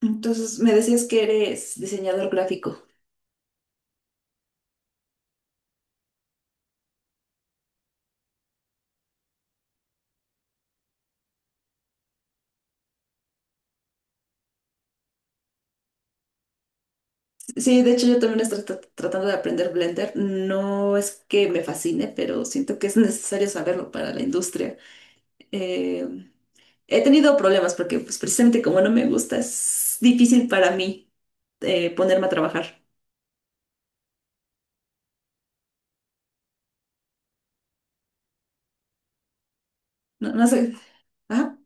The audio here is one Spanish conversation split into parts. Entonces, me decías que eres diseñador gráfico. Sí, de hecho yo también estoy tratando de aprender Blender. No es que me fascine, pero siento que es necesario saberlo para la industria. Eh, he tenido problemas porque pues, precisamente como no me gusta, es difícil para mí ponerme a trabajar. No, no sé. Ajá.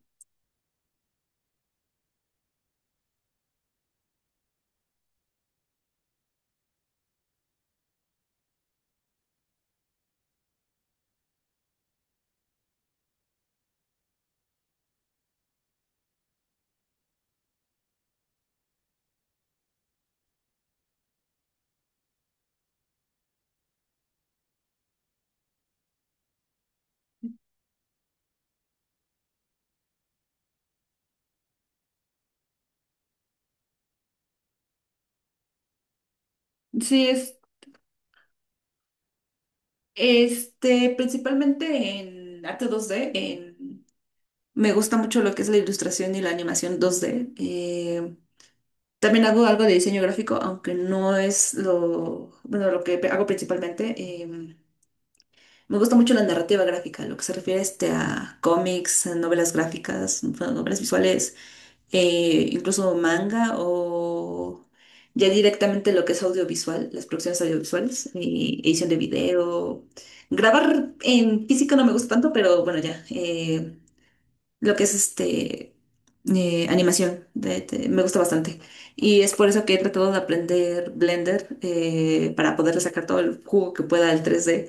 Sí, es este, principalmente en arte 2D, me gusta mucho lo que es la ilustración y la animación 2D. También hago algo de diseño gráfico, aunque no es lo, bueno, lo que hago principalmente. em, Me gusta mucho la narrativa gráfica, lo que se refiere este, a cómics, a novelas gráficas, bueno, novelas visuales, incluso manga o ya directamente lo que es audiovisual, las producciones audiovisuales, edición de video. Grabar en físico no me gusta tanto, pero bueno, ya. Lo que es este animación. Me gusta bastante. Y es por eso que he tratado de aprender Blender para poderle sacar todo el jugo que pueda al tres d.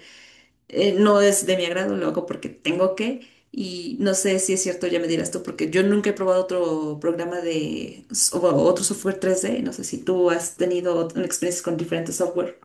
No es de mi agrado, lo hago porque tengo que. Y no sé si es cierto, ya me dirás tú, porque yo nunca he probado otro programa de o otro software tres d. No sé si tú has tenido experiencias con diferentes software.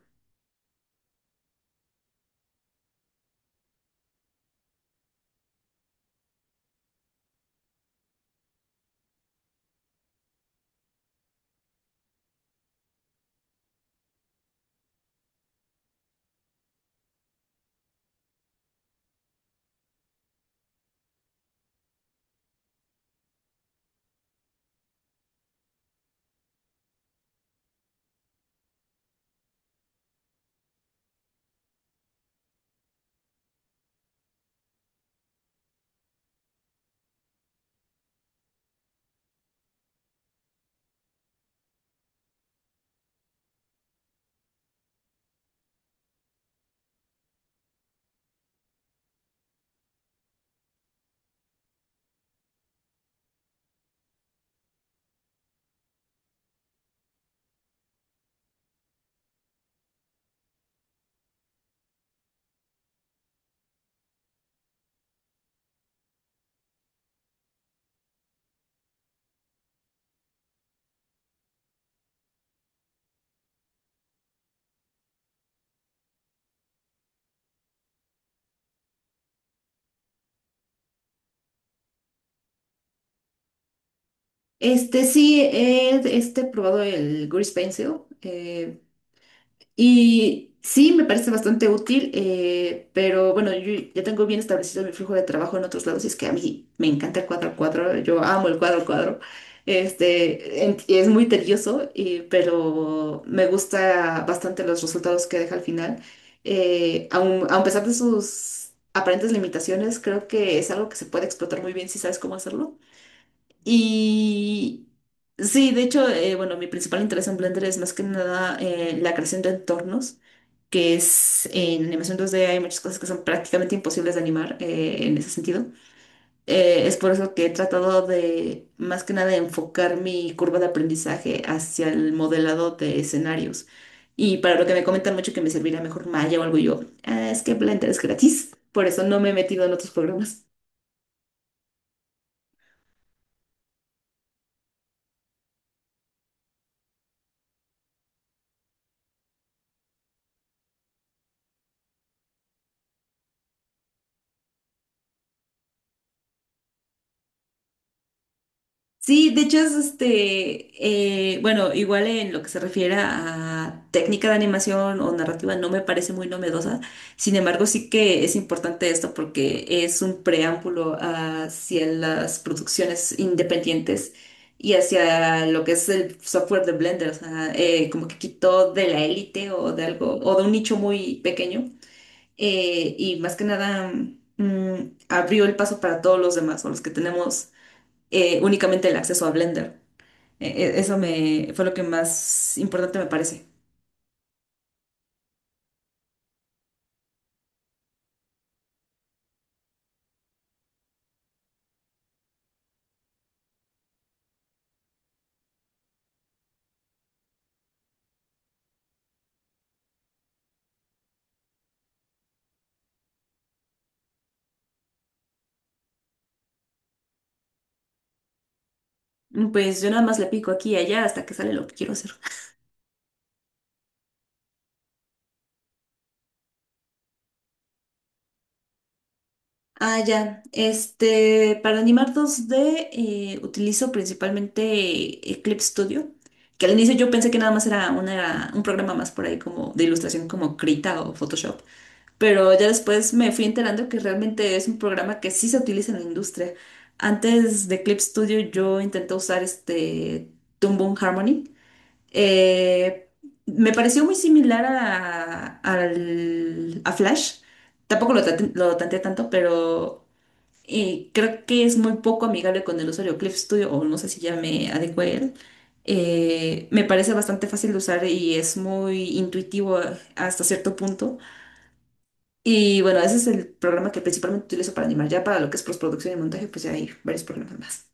Este sí, probado el Grease Pencil. Eh, Y sí, me parece bastante útil, pero bueno, yo ya tengo bien establecido mi flujo de trabajo en otros lados y es que a mí me encanta el cuadro al cuadro, yo amo el cuadro al cuadro. Este, es muy tedioso, pero me gusta bastante los resultados que deja al final. A pesar de sus aparentes limitaciones, creo que es algo que se puede explotar muy bien si sabes cómo hacerlo. Y sí, de hecho, bueno, mi principal interés en Blender es más que nada la creación de entornos, que es en animación 2D hay muchas cosas que son prácticamente imposibles de animar en ese sentido. Es por eso que he tratado de, más que nada, enfocar mi curva de aprendizaje hacia el modelado de escenarios. Y para lo que me comentan mucho que me servirá mejor Maya o algo yo, "Ah, es que Blender es gratis, por eso no me he metido en otros programas". Sí, de hecho es este, bueno, igual en lo que se refiere a técnica de animación o narrativa no me parece muy novedosa, sin embargo sí que es importante esto porque es un preámbulo hacia las producciones independientes y hacia lo que es el software de Blender, o sea, como que quitó de la élite o de algo, o de un nicho muy pequeño y más que nada abrió el paso para todos los demás o los que tenemos únicamente el acceso a Blender. Eso me fue lo que más importante me parece. Pues yo nada más le pico aquí y allá hasta que sale lo que quiero hacer. Ah, ya. Este, para animar dos d utilizo principalmente Eclipse Studio, que al inicio yo pensé que nada más era un programa más por ahí como de ilustración como Krita o Photoshop, pero ya después me fui enterando que realmente es un programa que sí se utiliza en la industria. Antes de Eclipse Studio yo intenté usar este Toon Boom Harmony. Eh, Me pareció muy similar a, a Flash. Tampoco lo, lo tanteé tanto, pero creo que es muy poco amigable con el usuario Clip Studio, o no sé si ya me adecué a él. Me parece bastante fácil de usar y es muy intuitivo hasta cierto punto. Y bueno, ese es el programa que principalmente utilizo para animar. Ya para lo que es postproducción y montaje, pues ya hay varios programas más.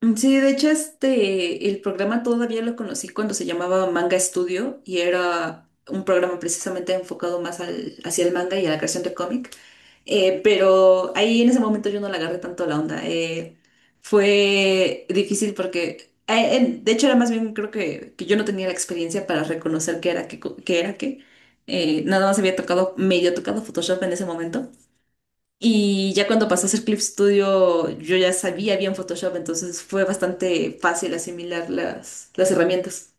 Sí, de hecho, este, el programa todavía lo conocí cuando se llamaba Manga Studio y era un programa precisamente enfocado más al, hacia el manga y a la creación de cómic. Pero ahí en ese momento yo no le agarré tanto la onda. Fue difícil porque, de hecho, era más bien creo que yo no tenía la experiencia para reconocer qué era qué, qué era qué. Nada más había tocado, medio tocado Photoshop en ese momento. Y ya cuando pasó a hacer Clip Studio, yo ya sabía bien Photoshop, entonces fue bastante fácil asimilar las herramientas.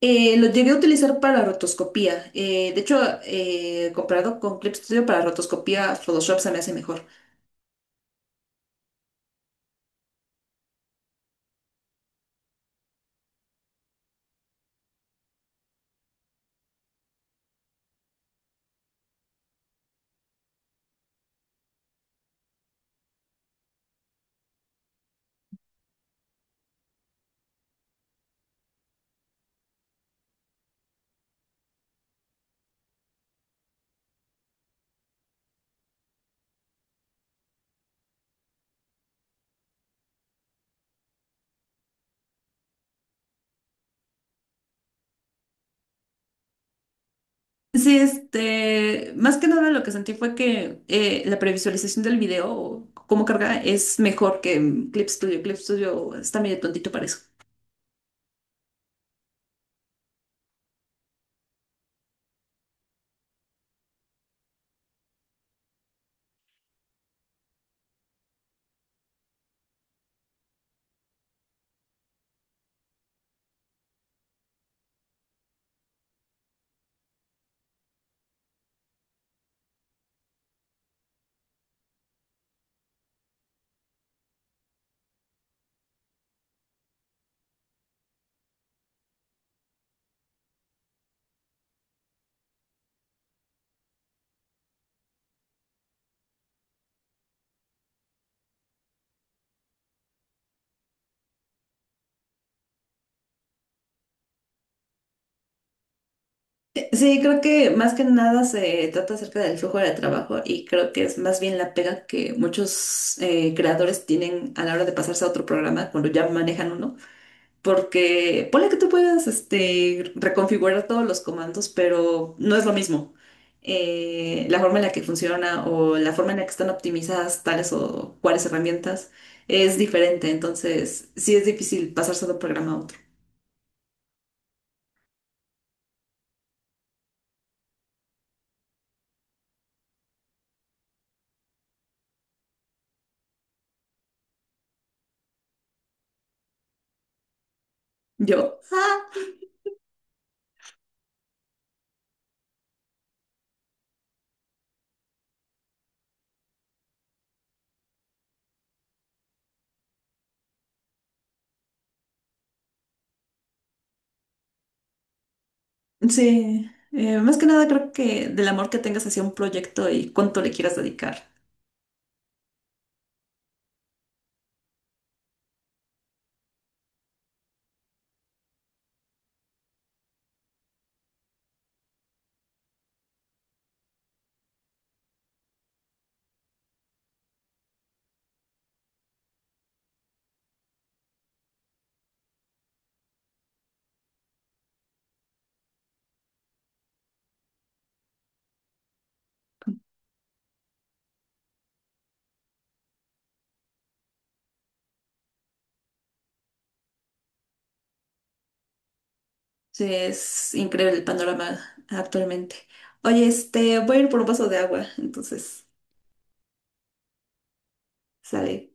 Lo llegué a utilizar para rotoscopía. De hecho, comparado con Clip Studio para rotoscopía, Photoshop se me hace mejor. Sí, este, más que nada lo que sentí fue que la previsualización del video, o cómo carga, es mejor que Clip Studio. Clip Studio está medio tontito para eso. Sí, creo que más que nada se trata acerca del flujo de trabajo y creo que es más bien la pega que muchos creadores tienen a la hora de pasarse a otro programa cuando ya manejan uno, porque ponle que tú puedas este, reconfigurar todos los comandos, pero no es lo mismo. La forma en la que funciona o la forma en la que están optimizadas tales o cuáles herramientas es diferente, entonces sí es difícil pasarse de un programa a otro. Yo. Sí, más que nada creo que del amor que tengas hacia un proyecto y cuánto le quieras dedicar. Sí, es increíble el panorama actualmente. Oye, este, voy a ir por un vaso de agua, entonces, sale.